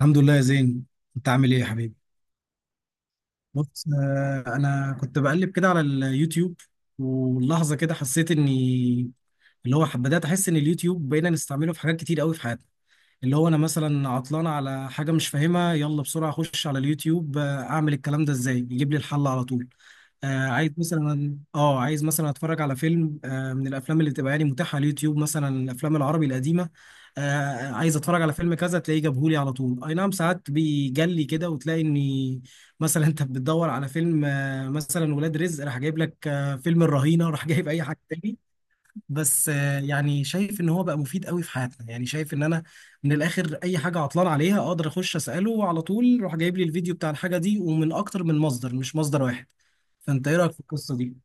الحمد لله يا زين. انت عامل ايه يا حبيبي؟ بص، انا كنت بقلب كده على اليوتيوب. ولحظه كده حسيت اني اللي هو بدات احس ان اليوتيوب بقينا نستعمله في حاجات كتير قوي في حياتنا. اللي هو انا مثلا عطلان على حاجه مش فاهمها، يلا بسرعه اخش على اليوتيوب، اعمل الكلام ده ازاي، يجيب لي الحل على طول. عايز مثلا، عايز مثلا اتفرج على فيلم، من الافلام اللي بتبقى يعني متاحه على اليوتيوب، مثلا الافلام العربي القديمه. عايز اتفرج على فيلم كذا تلاقيه جابهولي على طول. اي نعم، ساعات بيجلي كده وتلاقي اني مثلا انت بتدور على فيلم، مثلا ولاد رزق، راح جايب لك فيلم الرهينه، راح جايب اي حاجه تاني. بس يعني شايف ان هو بقى مفيد قوي في حياتنا. يعني شايف ان انا من الاخر اي حاجه عطلان عليها اقدر اخش اساله وعلى طول راح جايب لي الفيديو بتاع الحاجه دي، ومن اكتر من مصدر مش مصدر واحد. فانت ايه رايك في القصه دي؟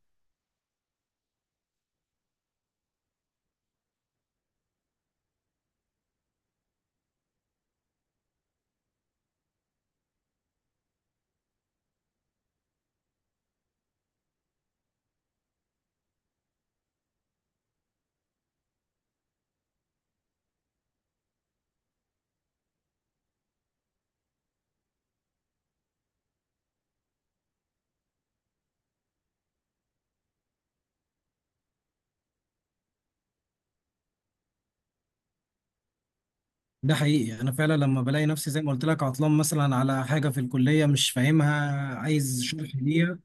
ده حقيقي، انا فعلا لما بلاقي نفسي زي ما قلت لك عطلان مثلا على حاجه في الكليه مش فاهمها، عايز شرح ليها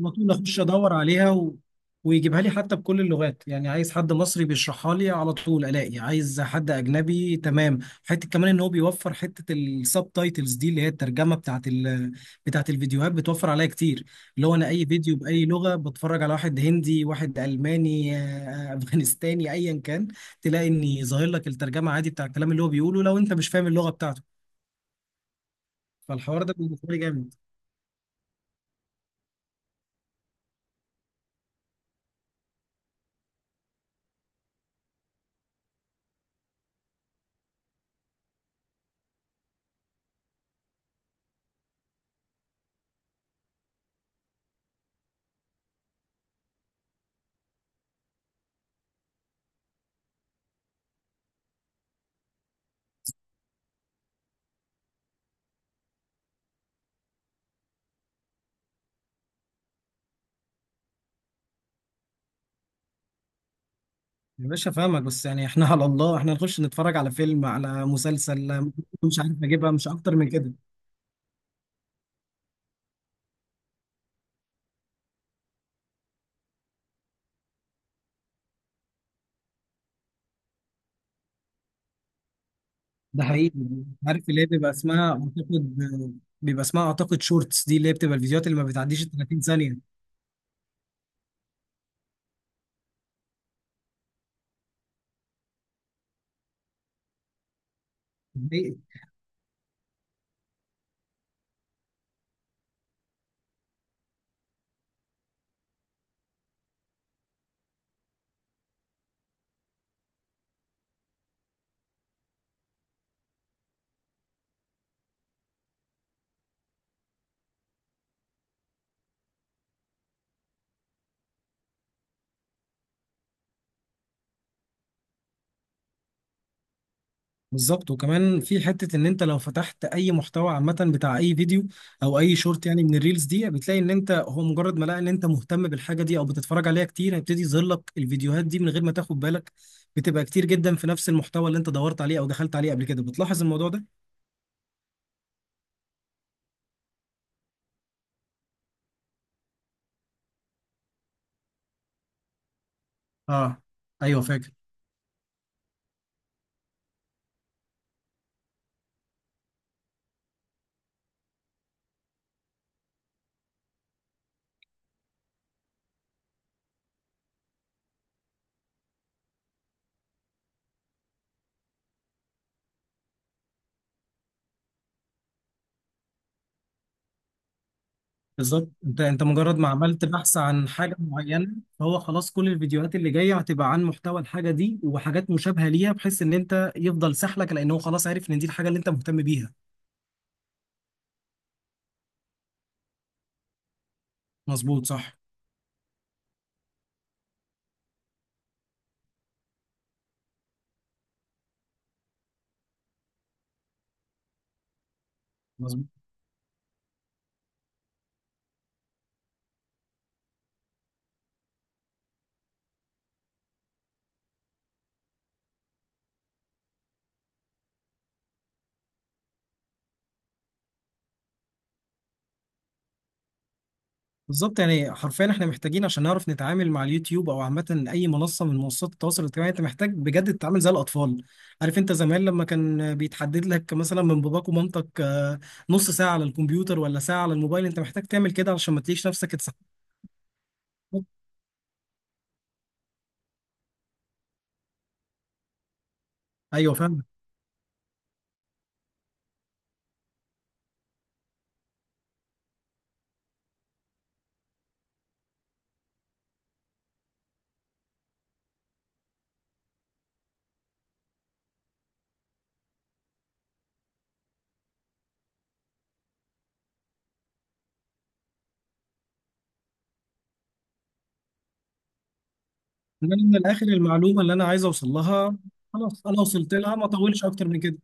على طول اخش ادور عليها ويجيبها لي حتى بكل اللغات. يعني عايز حد مصري بيشرحها لي على طول الاقي، عايز حد اجنبي تمام، حته كمان ان هو بيوفر حته السب تايتلز دي اللي هي الترجمه بتاعت الفيديوهات، بتوفر عليا كتير. اللي هو انا اي فيديو باي لغه بتفرج، على واحد هندي، واحد الماني، افغانستاني، ايا كان، تلاقي اني ظاهر لك الترجمه عادي بتاع الكلام اللي هو بيقوله لو انت مش فاهم اللغه بتاعته. فالحوار ده بالنسبه لي جامد. يا باشا فاهمك، بس يعني احنا على الله احنا نخش نتفرج على فيلم على مسلسل. مش عارف اجيبها، مش اكتر من كده. ده حقيقي. عارف اللي هي بيبقى اسمها اعتقد، شورتس دي، اللي هي بتبقى الفيديوهات اللي ما بتعديش ال 30 ثانية. بالظبط، وكمان في حتة ان انت لو فتحت اي محتوى عامة بتاع اي فيديو او اي شورت، يعني من الريلز دي، بتلاقي ان انت هو مجرد ما لقى ان انت مهتم بالحاجة دي او بتتفرج عليها كتير، هيبتدي يظهر لك الفيديوهات دي من غير ما تاخد بالك. بتبقى كتير جدا في نفس المحتوى اللي انت دورت عليه او دخلت عليه قبل كده. بتلاحظ الموضوع ده؟ اه. ايوه فاكر. بالظبط، انت مجرد ما عملت بحث عن حاجه معينه، فهو خلاص كل الفيديوهات اللي جايه هتبقى عن محتوى الحاجه دي وحاجات مشابهه ليها، بحيث ان انت يفضل سحلك، لان هو خلاص عارف ان دي الحاجه اللي انت مهتم بيها. مظبوط صح. مظبوط. بالظبط، يعني حرفيا احنا محتاجين عشان نعرف نتعامل مع اليوتيوب او عامه اي منصه من منصات التواصل الاجتماعي، انت محتاج بجد تتعامل زي الاطفال. عارف، انت زمان لما كان بيتحدد لك مثلا من باباك ومامتك، نص ساعه على الكمبيوتر ولا ساعه على الموبايل، انت محتاج تعمل كده عشان ما تلاقيش نفسك اتسحبت. ايوه فاهم. إن أنا من الاخر المعلومه اللي انا عايز اوصل لها، خلاص انا وصلت لها، ما اطولش اكتر من كده.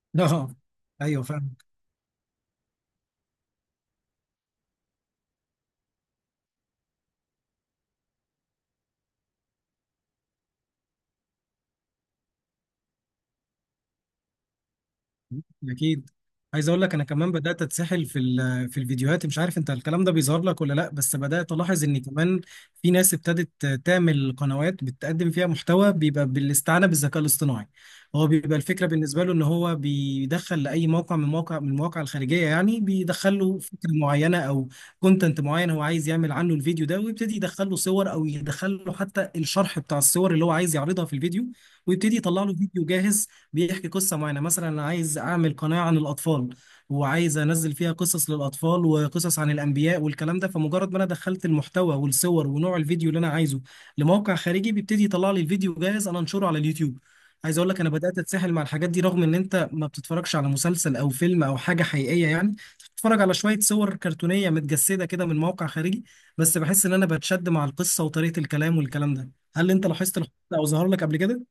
لا. ايوه فاهم. اكيد. عايز اقول لك انا كمان بدات اتسحل في في الفيديوهات، مش عارف انت الكلام ده بيظهر لك ولا لا، بس بدات الاحظ ان كمان في ناس ابتدت تعمل قنوات بتقدم فيها محتوى بيبقى بالاستعانه بالذكاء الاصطناعي. هو بيبقى الفكره بالنسبه له ان هو بيدخل لاي موقع، من مواقع من المواقع الخارجيه، يعني بيدخل له فكره معينه او كونتنت معين هو عايز يعمل عنه الفيديو ده، ويبتدي يدخل له صور او يدخل له حتى الشرح بتاع الصور اللي هو عايز يعرضها في الفيديو، ويبتدي يطلع له فيديو جاهز بيحكي قصة معينة. مثلا أنا عايز أعمل قناة عن الأطفال وعايز أنزل فيها قصص للأطفال وقصص عن الأنبياء والكلام ده، فمجرد ما أنا دخلت المحتوى والصور ونوع الفيديو اللي أنا عايزه لموقع خارجي، بيبتدي يطلع لي الفيديو جاهز أنا أنشره على اليوتيوب. عايز أقول لك أنا بدأت أتسحل مع الحاجات دي، رغم إن أنت ما بتتفرجش على مسلسل أو فيلم أو حاجة حقيقية، يعني بتتفرج على شوية صور كرتونية متجسدة كده من موقع خارجي، بس بحس إن أنا بتشد مع القصة وطريقة الكلام والكلام ده. هل أنت لاحظت الحوار ده أو ظهر لك قبل كده؟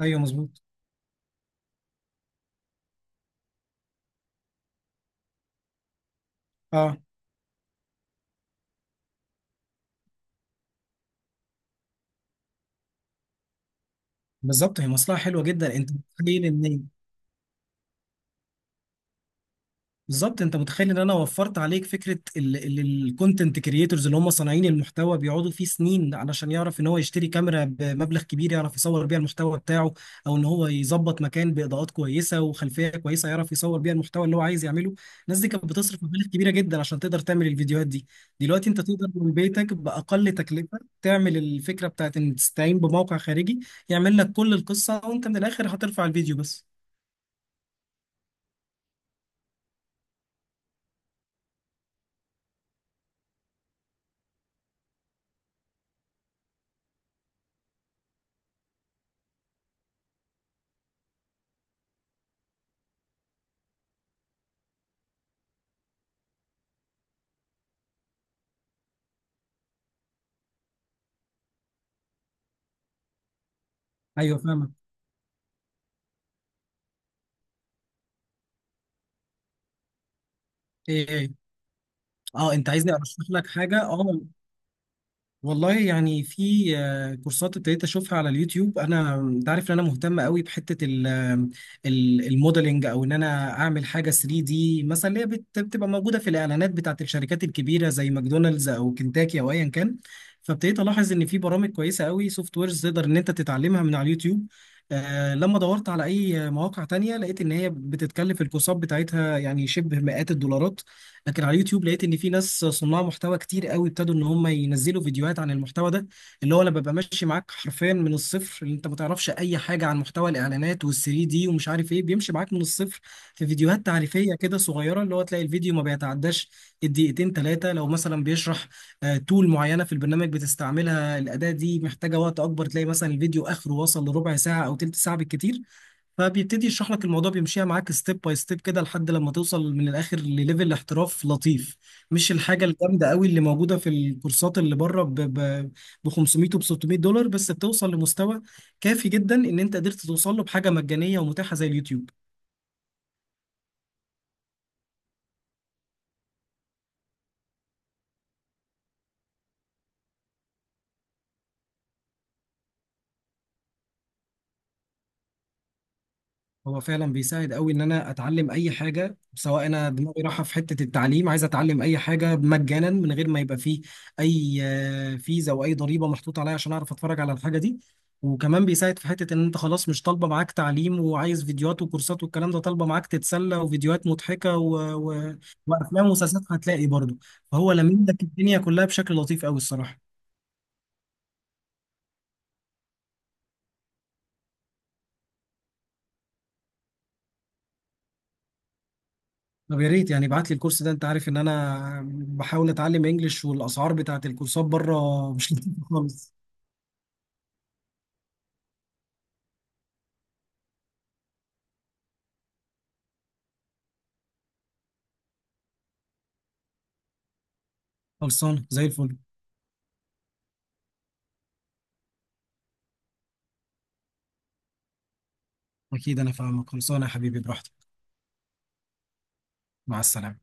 أيوه مظبوط. آه. بالظبط، هي مصلحه حلوه جدا. انت متخيل ان. بالظبط، انت متخيل ان انا وفرت عليك فكره الكونتنت كريتورز اللي هم صانعين المحتوى، بيقعدوا فيه سنين علشان يعرف ان هو يشتري كاميرا بمبلغ كبير يعرف يصور بيها المحتوى بتاعه، او ان هو يظبط مكان باضاءات كويسه وخلفيه كويسه يعرف يصور بيها المحتوى اللي هو عايز يعمله. الناس دي كانت بتصرف مبالغ كبيره جدا عشان تقدر تعمل الفيديوهات دي. دلوقتي انت تقدر من بيتك باقل تكلفه تعمل الفكره بتاعت ان تستعين بموقع خارجي يعمل لك كل القصه، وانت من الاخر هترفع الفيديو بس. ايوه فاهمك. ايه ايه. اه، انت عايزني ارشح لك حاجه، اه. والله، يعني في كورسات ابتديت اشوفها على اليوتيوب. انا انت عارف ان انا مهتم قوي بحته الموديلنج، او ان انا اعمل حاجه 3D دي مثلا، اللي هي بتبقى موجوده في الاعلانات بتاعت الشركات الكبيره زي ماكدونالدز او كنتاكي او ايا كان. فابتديت الاحظ ان في برامج كويسه قوي، سوفت ويرز، تقدر ان انت تتعلمها من على اليوتيوب. آه لما دورت على اي مواقع تانية لقيت ان هي بتتكلف الكورسات بتاعتها، يعني شبه مئات الدولارات. لكن على اليوتيوب لقيت ان في ناس صناع محتوى كتير قوي ابتدوا ان هم ينزلوا فيديوهات عن المحتوى ده. اللي هو انا ببقى ماشي معاك حرفيا من الصفر، اللي انت ما تعرفش اي حاجه عن محتوى الاعلانات وال3 دي ومش عارف ايه، بيمشي معاك من الصفر. في فيديوهات تعريفيه كده صغيره، اللي هو تلاقي الفيديو ما بيتعداش الدقيقتين ثلاثه، لو مثلا بيشرح تول معينه في البرنامج بتستعملها، الاداه دي محتاجه وقت اكبر، تلاقي مثلا الفيديو اخره وصل لربع ساعه او تلت ساعه بالكتير. فبيبتدي يشرح لك الموضوع، بيمشيها معاك ستيب باي ستيب كده لحد لما توصل من الاخر لليفل احتراف لطيف، مش الحاجه الجامده قوي اللي موجوده في الكورسات اللي بره ب 500 و $600، بس بتوصل لمستوى كافي جدا ان انت قدرت توصل له بحاجه مجانيه ومتاحه زي اليوتيوب. هو فعلا بيساعد قوي ان انا اتعلم اي حاجه، سواء انا دماغي رايحه في حته التعليم، عايز اتعلم اي حاجه مجانا من غير ما يبقى فيه اي فيزا او اي ضريبه محطوطه عليا عشان اعرف اتفرج على الحاجه دي. وكمان بيساعد في حته ان انت خلاص مش طالبه معاك تعليم وعايز فيديوهات وكورسات والكلام ده، طالبه معاك تتسلى وفيديوهات مضحكه وافلام ومسلسلات هتلاقي برضه. فهو لمين لك الدنيا كلها بشكل لطيف قوي الصراحه. طب يا ريت يعني ابعت لي الكورس ده، انت عارف ان انا بحاول اتعلم انجليش، والاسعار بتاعت الكورسات بره مش لطيفة خالص. خلصانه زي الفل. اكيد انا فاهمك. خلصانه يا حبيبي، براحتك. مع السلامه.